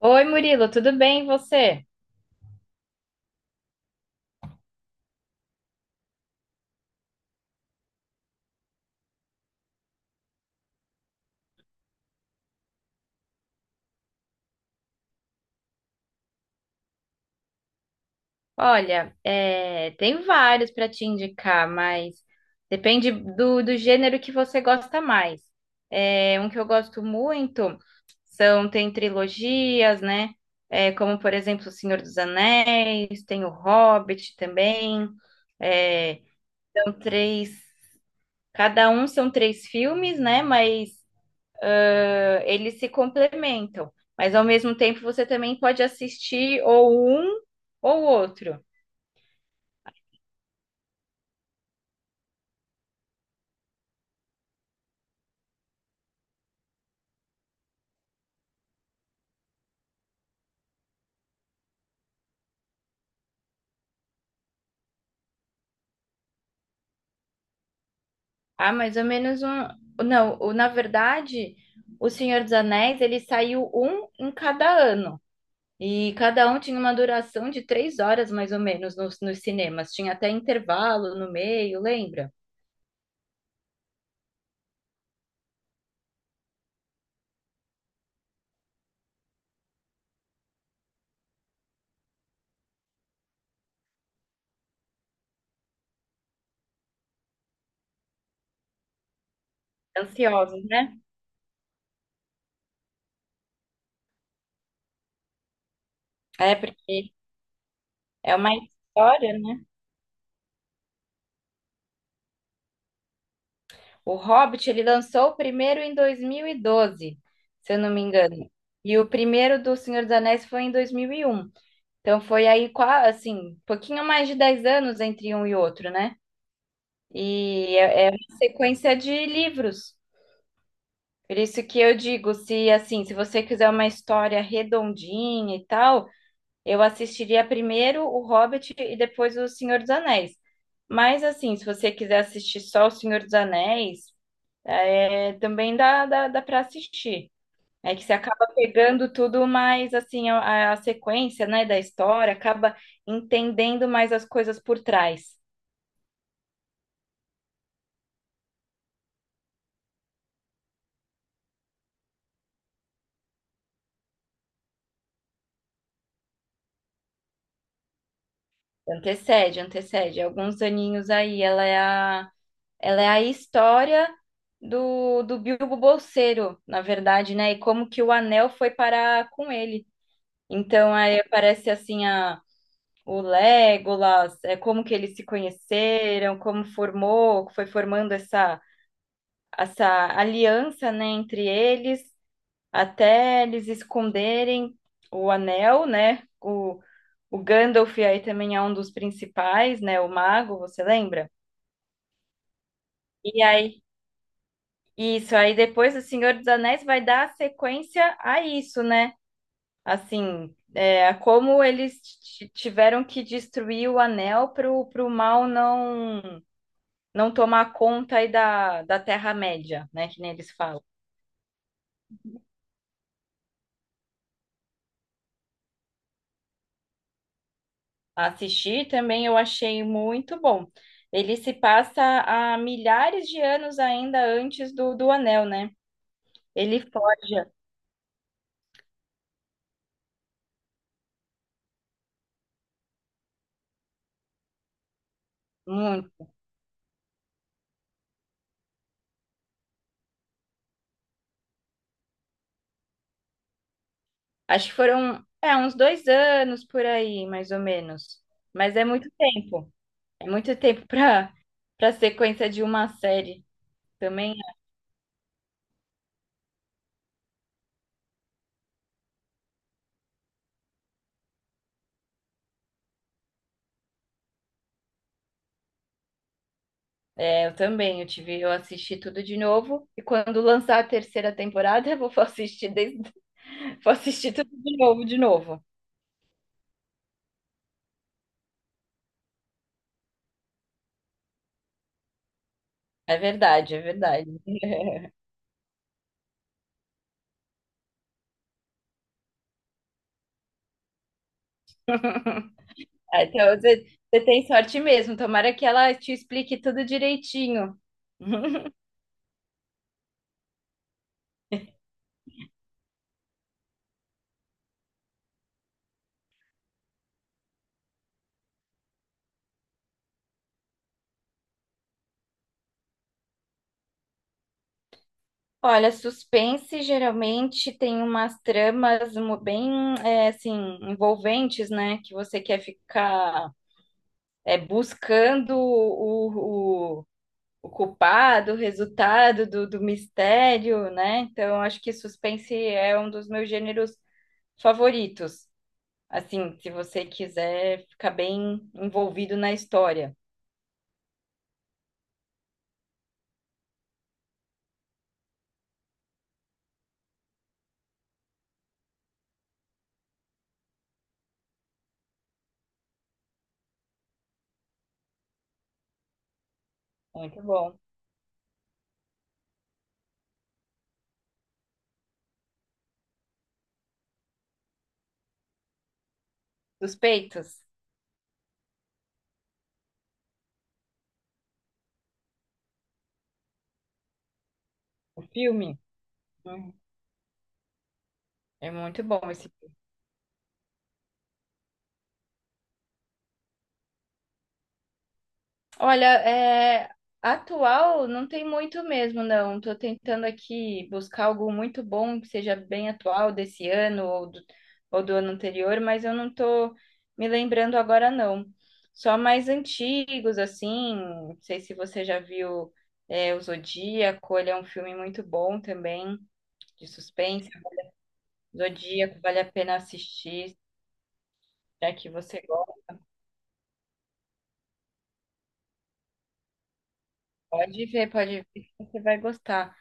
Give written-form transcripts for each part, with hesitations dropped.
Oi, Murilo, tudo bem? E você? Olha, tem vários para te indicar, mas depende do gênero que você gosta mais. É, um que eu gosto muito são, tem trilogias, né? É, como, por exemplo, O Senhor dos Anéis, tem O Hobbit também. É, são três, cada um são três filmes, né? Mas eles se complementam. Mas ao mesmo tempo você também pode assistir ou um ou outro. Ah, mais ou menos um. Não, na verdade, O Senhor dos Anéis, ele saiu um em cada ano. E cada um tinha uma duração de 3 horas, mais ou menos, nos cinemas. Tinha até intervalo no meio, lembra? Ansiosos, né? É, porque é uma história, né? O Hobbit, ele lançou o primeiro em 2012, se eu não me engano. E o primeiro do Senhor dos Anéis foi em 2001. Então foi aí, assim, pouquinho mais de 10 anos entre um e outro, né? E é uma sequência de livros. Por isso que eu digo, se assim, se você quiser uma história redondinha e tal, eu assistiria primeiro O Hobbit e depois O Senhor dos Anéis. Mas assim, se você quiser assistir só O Senhor dos Anéis, também dá, dá para assistir. É que você acaba pegando tudo mais assim, a sequência, né, da história, acaba entendendo mais as coisas por trás. Antecede, antecede. Alguns aninhos aí. Ela é a história do Bilbo Bolseiro, na verdade, né? E como que o anel foi parar com ele. Então, aí aparece assim a, o Legolas, como que eles se conheceram, como formou, foi formando essa aliança, né, entre eles, até eles esconderem o anel, né? O Gandalf aí também é um dos principais, né? O mago, você lembra? E aí, isso, aí depois o Senhor dos Anéis vai dar sequência a isso, né? Assim, é, a como eles tiveram que destruir o anel para o mal não tomar conta aí da Terra-média, né? Que nem eles falam. Assistir também eu achei muito bom. Ele se passa há milhares de anos ainda antes do anel, né? Ele forja. Muito. Acho que foram, uns 2 anos por aí, mais ou menos. Mas é muito tempo. É muito tempo para para sequência de uma série. Também, é, eu também, eu assisti tudo de novo e quando lançar a terceira temporada, eu vou assistir desde, vou assistir tudo de novo, de novo. É verdade, é verdade. Ah, então, você, você tem sorte mesmo. Tomara que ela te explique tudo direitinho. Olha, suspense geralmente tem umas tramas bem, assim, envolventes, né? Que você quer ficar buscando o culpado, o resultado do mistério, né? Então, acho que suspense é um dos meus gêneros favoritos. Assim, se você quiser ficar bem envolvido na história. Muito bom. Suspeitos, o filme. Hum, É muito bom esse. Olha, atual não tem muito mesmo, não. Tô tentando aqui buscar algo muito bom que seja bem atual desse ano ou do ano anterior, mas eu não tô me lembrando agora, não. Só mais antigos, assim. Não sei se você já viu O Zodíaco, ele é um filme muito bom também, de suspense. Zodíaco, vale a pena assistir, já que você gosta. Pode ver, que você vai gostar.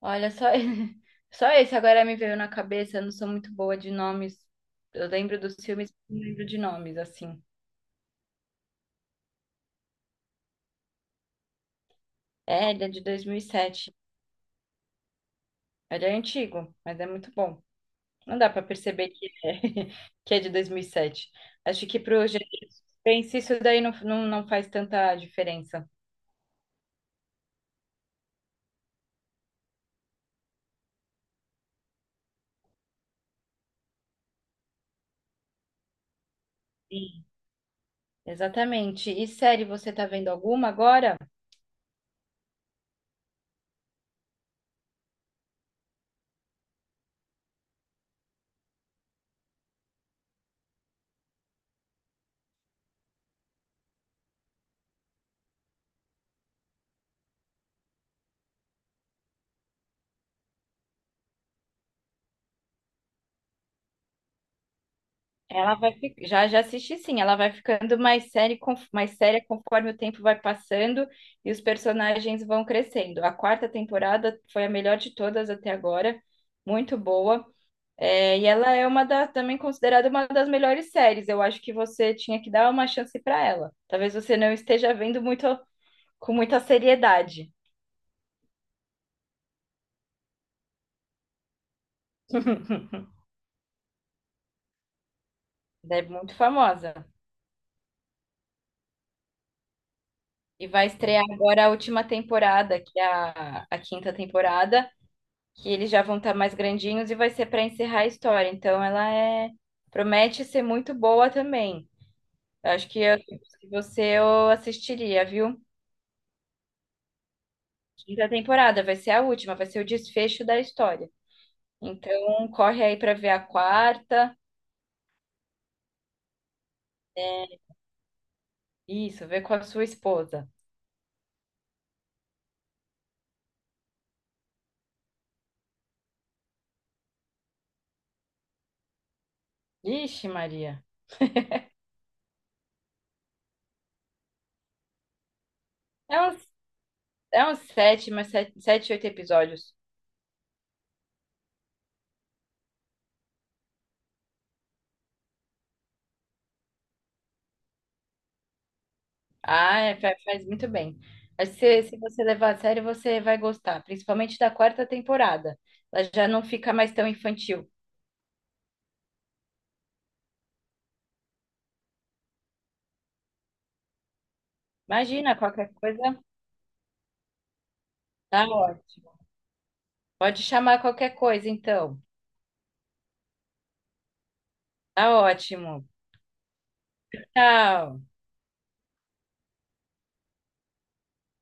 Olha, só, só esse agora me veio na cabeça. Eu não sou muito boa de nomes. Eu lembro dos filmes, mas não lembro de nomes, assim. É, ele é de 2007. Ele é antigo, mas é muito bom. Não dá pra perceber que é, que é de 2007. Acho que pro gênero de suspense, isso daí não, não faz tanta diferença. Sim. Exatamente. E série, você tá vendo alguma agora? Já já assisti, sim, ela vai ficando mais séria mais séria conforme o tempo vai passando e os personagens vão crescendo. A quarta temporada foi a melhor de todas até agora, muito boa. E ela é uma da, também considerada uma das melhores séries. Eu acho que você tinha que dar uma chance para ela. Talvez você não esteja vendo muito com muita seriedade. Ela é muito famosa. E vai estrear agora a última temporada, que é a quinta temporada, que eles já vão estar mais grandinhos e vai ser para encerrar a história. Então ela é promete ser muito boa também. Eu acho que se você, eu assistiria, viu? Quinta temporada vai ser a última, vai ser o desfecho da história. Então corre aí para ver a quarta. Isso, vê com a sua esposa. Ixi, Maria. É uns, é uns sete, mas oito episódios. Ah, faz muito bem. Acho que se você levar a sério, você vai gostar, principalmente da quarta temporada. Ela já não fica mais tão infantil. Imagina, qualquer coisa, tá ótimo. Pode chamar qualquer coisa, então. Tá ótimo. Tchau.